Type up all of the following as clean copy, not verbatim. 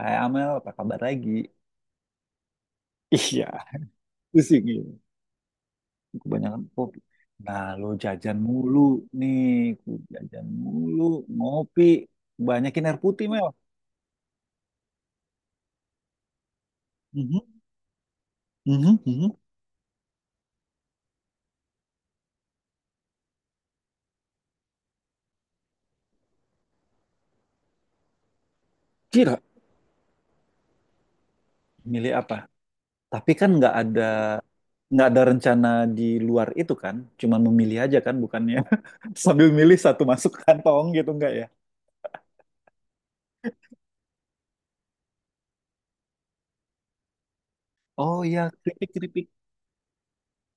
Hai Amel, apa kabar lagi? Iya, pusing ini. Kebanyakan kopi. Nah, lo jajan mulu nih, ku jajan mulu, ngopi, banyakin air putih Mel. Mhm, mhm, mhm. Kira, Milih apa? Tapi kan nggak ada rencana di luar itu kan, cuman memilih aja kan, bukannya sambil milih satu masuk kantong gitu nggak ya? Oh iya, keripik keripik,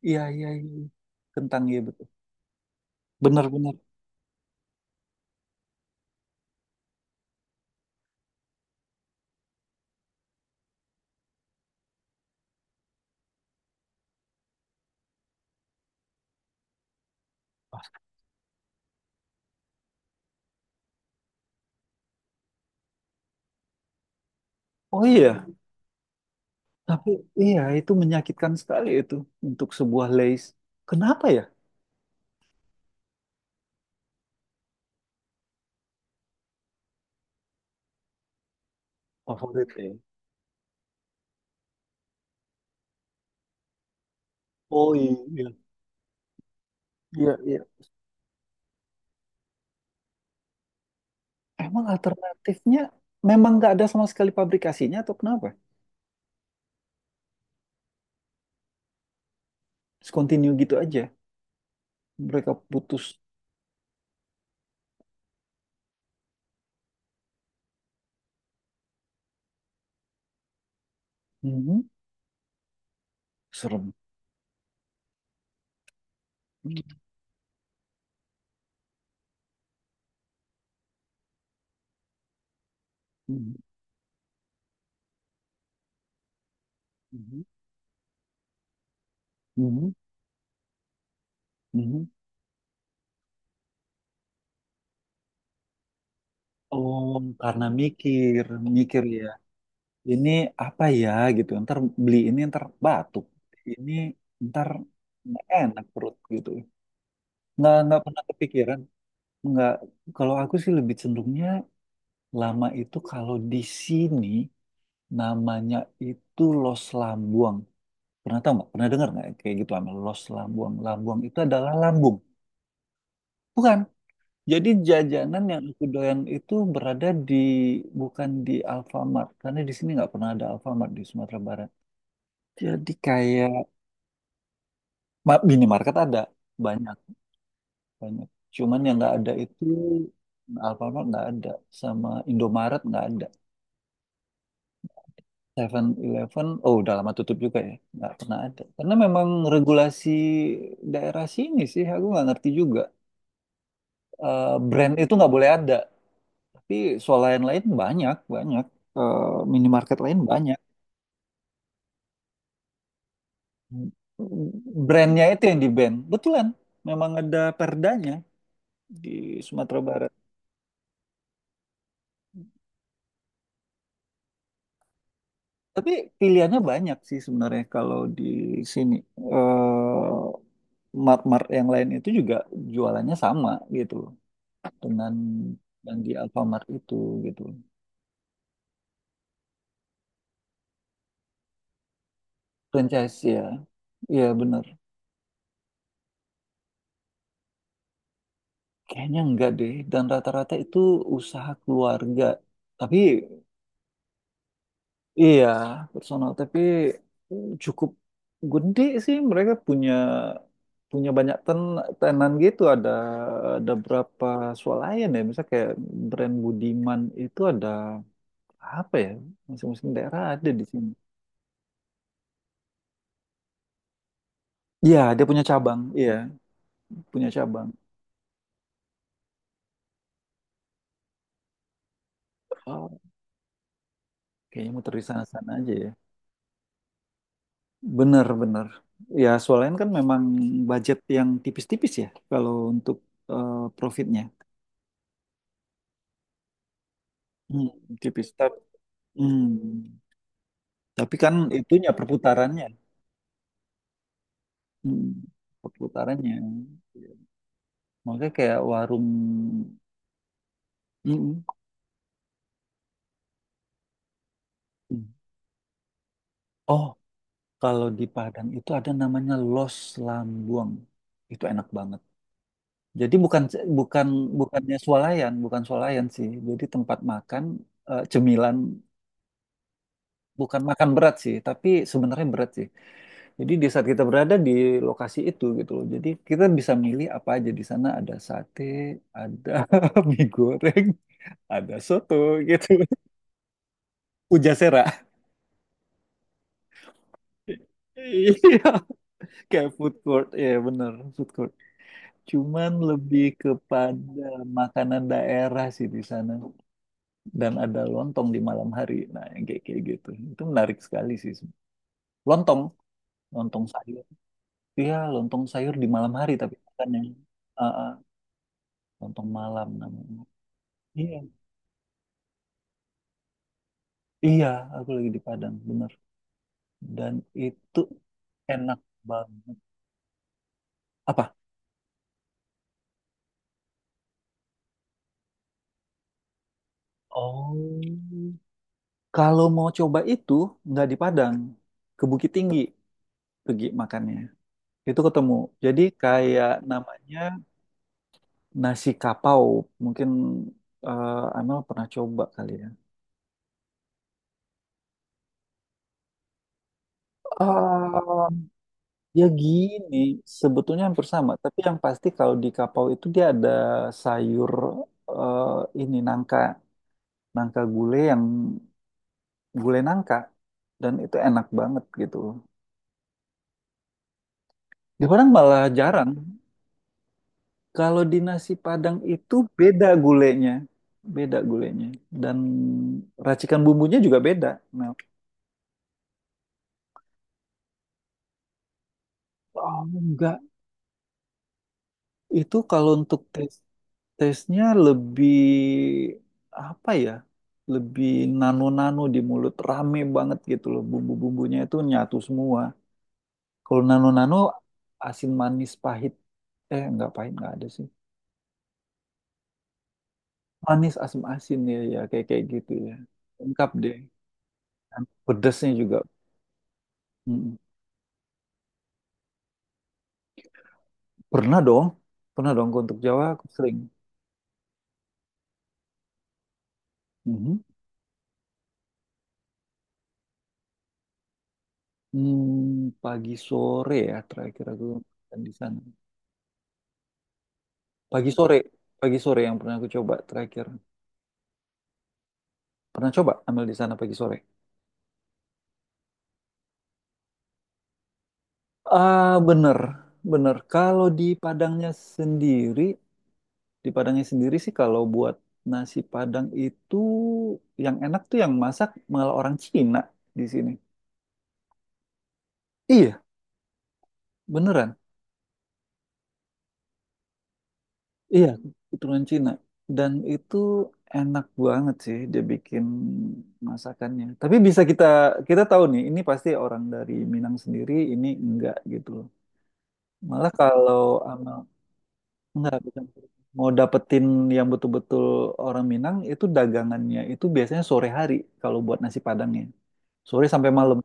iya iya iya, kentang iya betul, benar benar. Oh iya. Tapi iya itu menyakitkan sekali itu untuk sebuah lace. Kenapa ya favorit ya? Oh iya. Iya, iya. Emang alternatifnya memang nggak ada sama sekali pabrikasinya atau kenapa? Terus continue gitu aja. Mereka putus. Mhm. Serem. Mhm. Mhm. Mhm. Mhm. Oh, karena mikir, mikir ya. Ini apa ya gitu. Ntar beli ini ntar batuk. Ini ntar nggak enak perut gitu. Nggak pernah kepikiran. Nggak, kalau aku sih lebih cenderungnya lama itu kalau di sini namanya itu Los Lambuang. Pernah tahu nggak? Pernah dengar nggak kayak gitu lama Los Lambuang? Lambuang itu adalah lambung. Bukan. Jadi jajanan yang aku doyan itu berada di bukan di Alfamart karena di sini nggak pernah ada Alfamart di Sumatera Barat. Jadi kayak minimarket ada banyak banyak. Cuman yang nggak ada itu Alfamart nggak ada sama Indomaret nggak ada. Seven Eleven, oh udah lama tutup juga ya, nggak pernah ada. Karena memang regulasi daerah sini sih, aku nggak ngerti juga. Brand itu nggak boleh ada, tapi soal lain-lain banyak, banyak. Eh, Minimarket lain banyak. Brandnya itu yang di ban, betulan. Memang ada perdanya di Sumatera Barat. Tapi pilihannya banyak sih sebenarnya kalau di sini. Eh mart-mart yang lain itu juga jualannya sama gitu, dengan yang di Alfamart itu gitu. Franchise ya, iya bener. Kayaknya enggak deh, dan rata-rata itu usaha keluarga. Tapi iya, personal, tapi cukup gede sih mereka punya punya banyak tenan gitu ada berapa swalayan ya misalnya kayak brand Budiman itu ada apa ya masing-masing daerah ada di sini. Iya, dia punya cabang. Iya, punya cabang. Oh, kayaknya muter di sana-sana aja ya. Benar-benar. Ya, soalnya kan memang budget yang tipis-tipis ya kalau untuk profitnya. Hmm, tipis. Tapi kan itunya perputarannya. Hmm, perputarannya. Makanya kayak warung. Mm, mm. Oh, kalau di Padang itu ada namanya Los Lambuang. Itu enak banget. Jadi bukan bukan bukannya swalayan, bukan swalayan sih. Jadi tempat makan cemilan bukan makan berat sih, tapi sebenarnya berat sih. Jadi di saat kita berada di lokasi itu gitu loh. Jadi kita bisa milih apa aja di sana ada sate, ada mie goreng, ada soto gitu. Pujasera. Iya, kayak food court, ya, bener, food court. Cuman lebih kepada makanan daerah sih di sana. Dan ada lontong di malam hari. Nah, yang kayak kayak gitu. Itu menarik sekali sih. Lontong, lontong sayur. Iya, lontong sayur di malam hari tapi kan yang ah, ah, lontong malam namanya. Iya. Iya, aku lagi di Padang, bener. Dan itu enak banget. Apa? Oh. Kalau mau coba itu nggak di Padang, ke Bukit Tinggi pergi makannya. Itu ketemu. Jadi kayak namanya nasi kapau. Mungkin Amel pernah coba kali ya. Ah. Ya gini, sebetulnya hampir sama. Tapi yang pasti kalau di kapau itu dia ada sayur eh, ini nangka, nangka gulai yang gulai nangka, dan itu enak banget gitu. Di Padang malah jarang. Kalau di nasi Padang itu beda gulainya, dan racikan bumbunya juga beda. Nah, oh enggak, itu kalau untuk tes. Tesnya lebih apa ya? Lebih nano-nano di mulut, rame banget gitu loh. Bumbu-bumbunya itu nyatu semua. Kalau nano-nano asin manis pahit. Nggak pahit nggak ada sih. Manis asin-asin ya, ya kayak kayak gitu ya. Lengkap deh. Dan pedesnya juga. Mm. Pernah dong, pernah dong ke untuk Jawa aku sering. Mhm. Pagi sore ya terakhir aku makan di sana. Pagi sore, pagi sore yang pernah aku coba terakhir. Pernah coba ambil di sana pagi sore? Ah, bener, bener. Kalau sendiri, di Padangnya sendiri sih kalau buat nasi Padang itu yang enak tuh yang masak malah orang Cina di sini. Iya, beneran. Iya, keturunan Cina. Dan itu enak banget sih dia bikin masakannya. Tapi bisa kita kita tahu nih, ini pasti orang dari Minang sendiri, ini enggak gitu loh. Malah kalau sama, enggak, bukan. Mau dapetin yang betul-betul orang Minang itu dagangannya itu biasanya sore hari kalau buat nasi Padangnya. Sore sampai malam.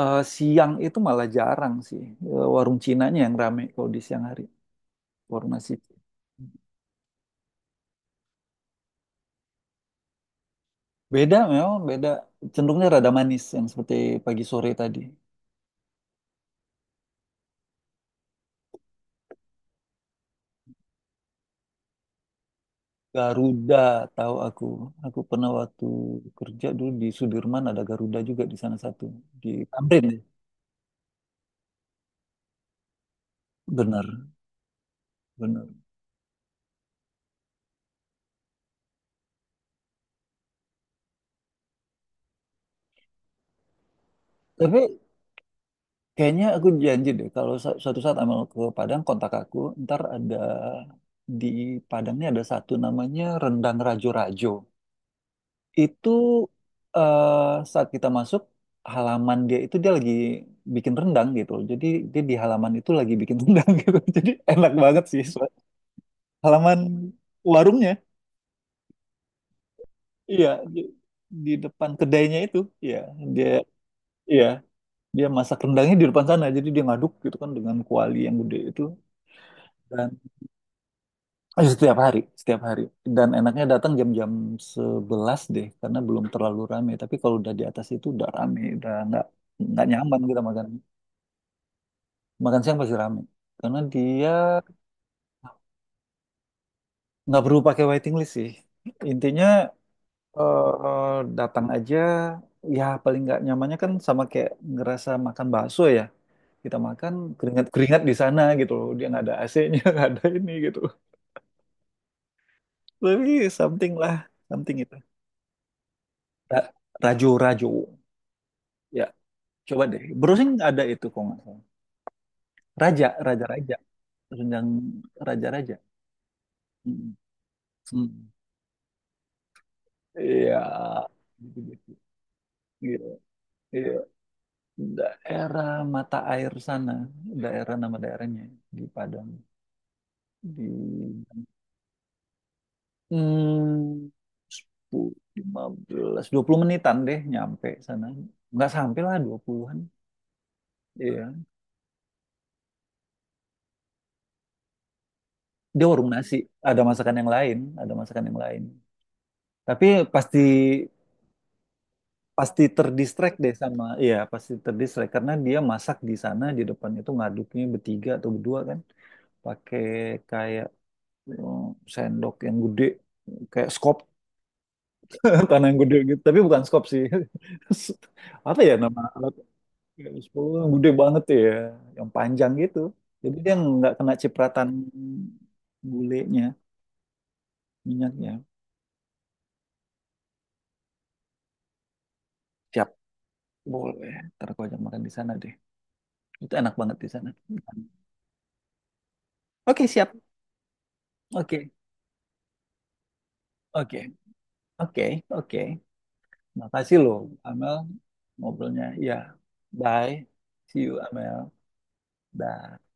Siang itu malah jarang sih. Warung Cinanya yang rame kalau di siang hari. Warung nasi. Beda memang beda. Cenderungnya rada manis yang seperti pagi sore tadi. Garuda tahu aku. Aku pernah waktu kerja dulu di Sudirman ada Garuda juga di sana satu. Di Tamrin, ya? Benar, benar. Tapi kayaknya aku janji deh kalau suatu saat Amel ke Padang kontak aku, ntar ada di Padangnya ada satu namanya Rendang Rajo-Rajo. Itu saat kita masuk halaman dia itu dia lagi bikin rendang gitu. Jadi dia di halaman itu lagi bikin rendang gitu. Jadi enak banget sih halaman warungnya. Iya, di, di depan kedainya itu. Iya, dia iya, dia masak rendangnya di depan sana. Jadi dia ngaduk gitu kan dengan kuali yang gede itu. Oh, iya, setiap hari, setiap hari. Dan enaknya datang jam-jam 11 deh, karena belum terlalu rame. Tapi kalau udah di atas itu udah rame, udah nggak nyaman kita makan. Makan siang pasti rame, karena dia nggak perlu pakai waiting list sih. Intinya datang aja. Ya paling nggak nyamannya kan sama kayak ngerasa makan bakso ya. Kita makan keringat-keringat di sana gitu loh. Dia nggak ada AC-nya, nggak ada ini gitu. Tapi something lah, something itu. Ra- Rajo-rajo. Ya. Coba deh, browsing ada itu kok nggak salah. Raja, raja, raja, rendang raja, raja. Mm. Mm. Iya, gitu-gitu. Gitu. Iya, daerah mata air sana, daerah nama daerahnya di Padang di hmm, 15-20 menitan deh nyampe sana. Nggak sampai lah puluhan. An Iya. Dia warung nasi, ada masakan yang lain, ada masakan yang lain. Tapi pasti pasti terdistract deh sama iya pasti terdistract karena dia masak di sana di depan itu ngaduknya bertiga atau berdua kan pakai kayak eh, sendok yang gede kayak skop tanah yang gede gitu tapi bukan skop sih apa ya nama alat sepuluh yang gede banget ya yang panjang gitu jadi dia nggak kena cipratan gulenya minyaknya. Siap, boleh ntar aku ajak makan di sana deh, itu enak banget di sana. Oke siap, oke, oke, oke, oke. Makasih loh, Amel, ngobrolnya. Ya, bye. See you, Amel. Bye.